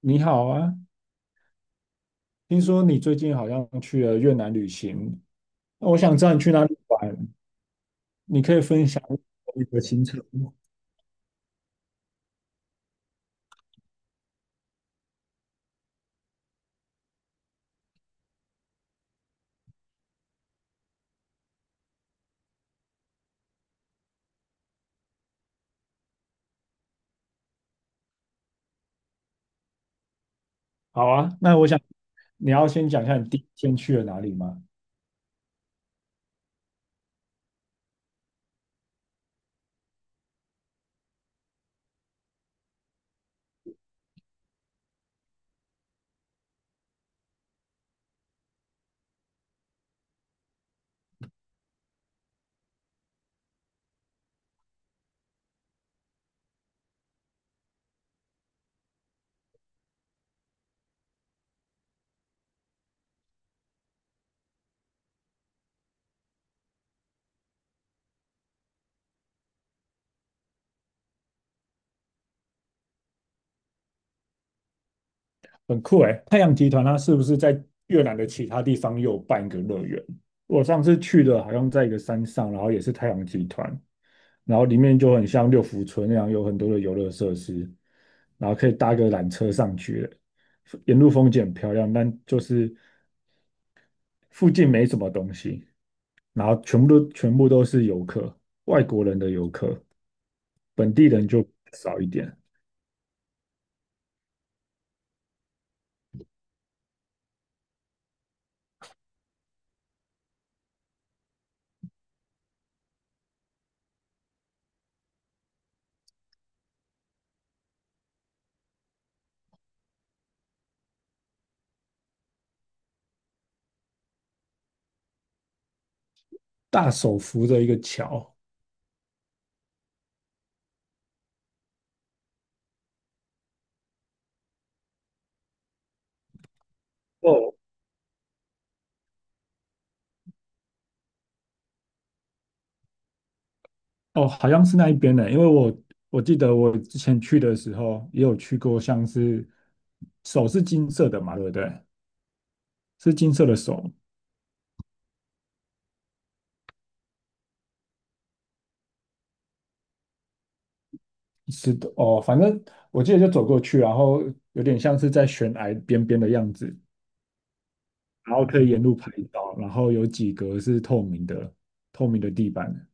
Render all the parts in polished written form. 你好啊，听说你最近好像去了越南旅行，那我想知道你去哪里玩，你可以分享。好啊，那我想你要先讲一下你第一天去了哪里吗？很酷诶，太阳集团它是不是在越南的其他地方也有办一个乐园？我上次去的好像在一个山上，然后也是太阳集团，然后里面就很像六福村那样，有很多的游乐设施，然后可以搭个缆车上去了，沿路风景很漂亮，但就是附近没什么东西。然后全部都是游客，外国人的游客，本地人就少一点。大手扶着一个桥，哦，哦，好像是那一边的，因为我记得我之前去的时候也有去过，像是手是金色的嘛，对不对？是金色的手，是的，哦，反正我记得就走过去，然后有点像是在悬崖边边的样子，然后可以沿路拍照，然后有几格是透明的，透明的地板。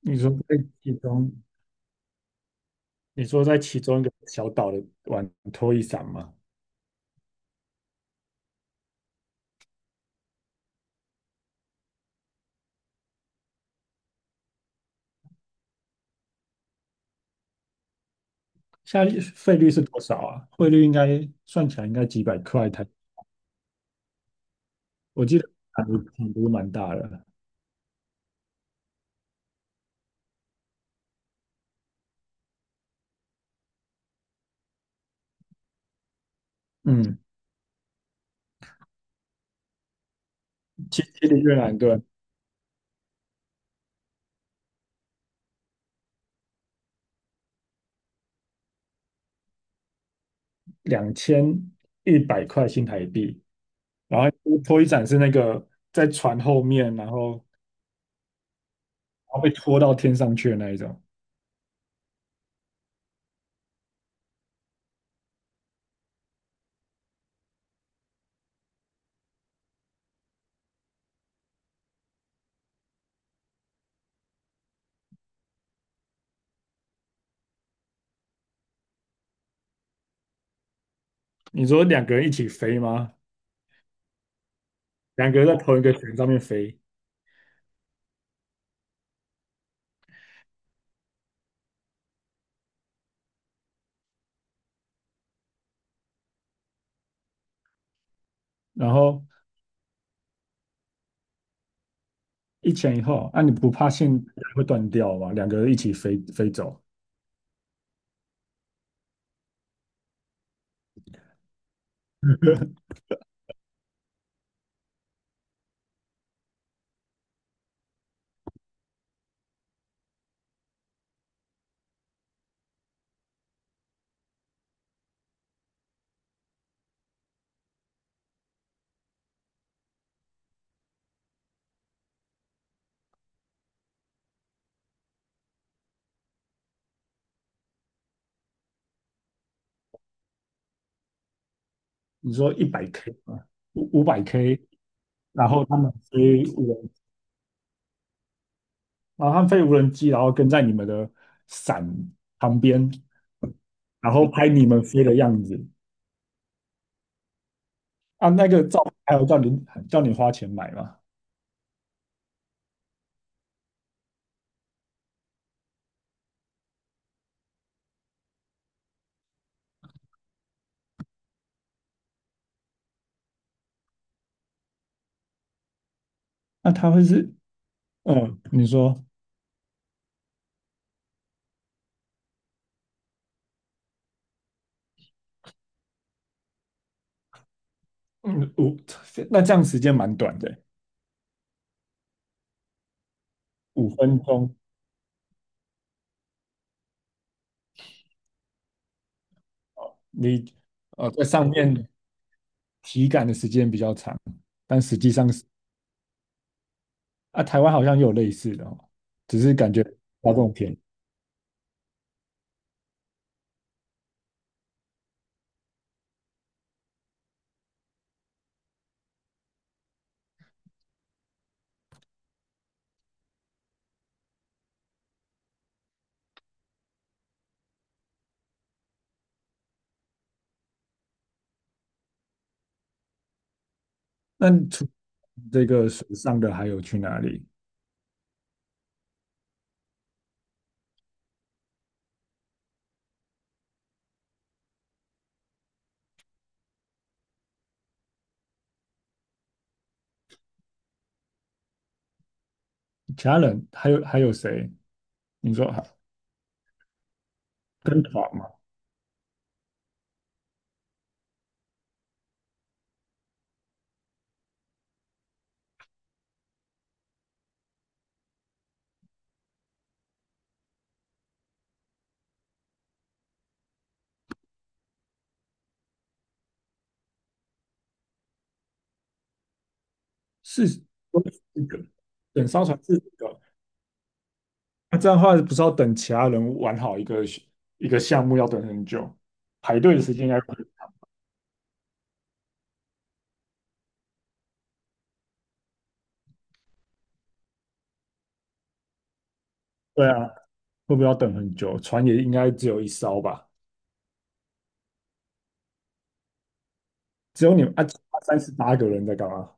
你说在其中。你说在其中一个小岛的玩拖一伞吗？现在费率是多少啊？汇率应该算起来应该几百块台，我记得涨幅蛮大的。嗯，其实的越南盾2100块新台币，然后拖一伞是那个在船后面，然后被拖到天上去的那一种。你说两个人一起飞吗？两个人在同一个船上面飞，然后一前一后，那你不怕线会断掉吗？两个人一起飞飞走。你说100K 啊，五百 K，然后他们飞无人，然后他们飞无人机，然后跟在你们的伞旁边，然后拍你们飞的样子啊，那个照片还有叫你花钱买嘛？那他会是嗯，你说嗯五，那这样时间蛮短的，5分钟，你在上面体感的时间比较长，但实际上是啊，台湾好像也有类似的哦，只是感觉它更便宜。那除这个水上的还有去哪里？其他人还有谁？你说还跟团吗？是一个等艘船是一个，那这样的话不是要等其他人玩好一个一个项目要等很久，排队的时间应该会对啊，会不会要等很久？船也应该只有一艘吧？只有你们啊，38个人在干嘛？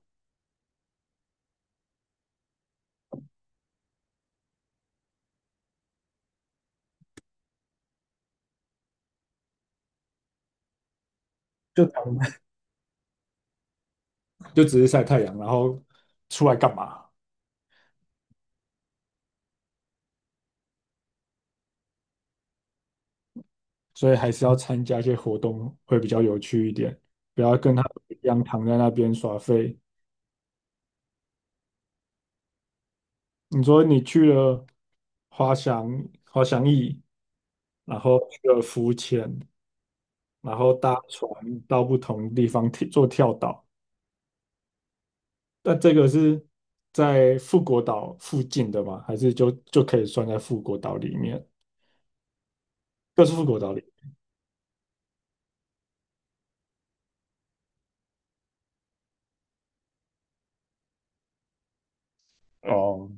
就躺 就只是晒太阳，然后出来干嘛？所以还是要参加一些活动会比较有趣一点，不要跟他们一样躺在那边耍废。你说你去了滑翔滑翔翼，然后去了浮潜，然后搭船到不同地方做跳岛，那这个是在富国岛附近的吗？还是就可以算在富国岛里面？就是富国岛里。哦，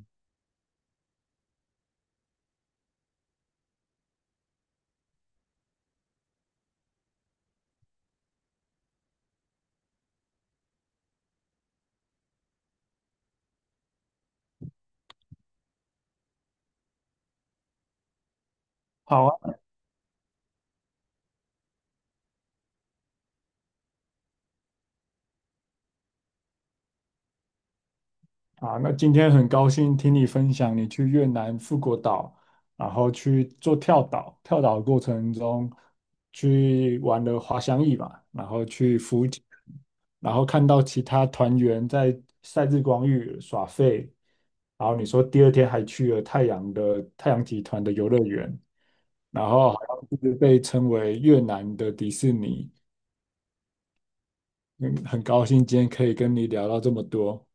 好啊，啊，那今天很高兴听你分享你去越南富国岛，然后去做跳岛，跳岛的过程中去玩了滑翔翼吧，然后去浮潜，然后看到其他团员在晒日光浴耍废，然后你说第二天还去了太阳集团的游乐园，然后好像是被称为越南的迪士尼，嗯，很高兴今天可以跟你聊到这么多。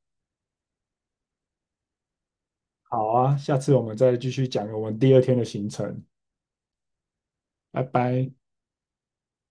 好啊，下次我们再继续讲我们第二天的行程，拜拜。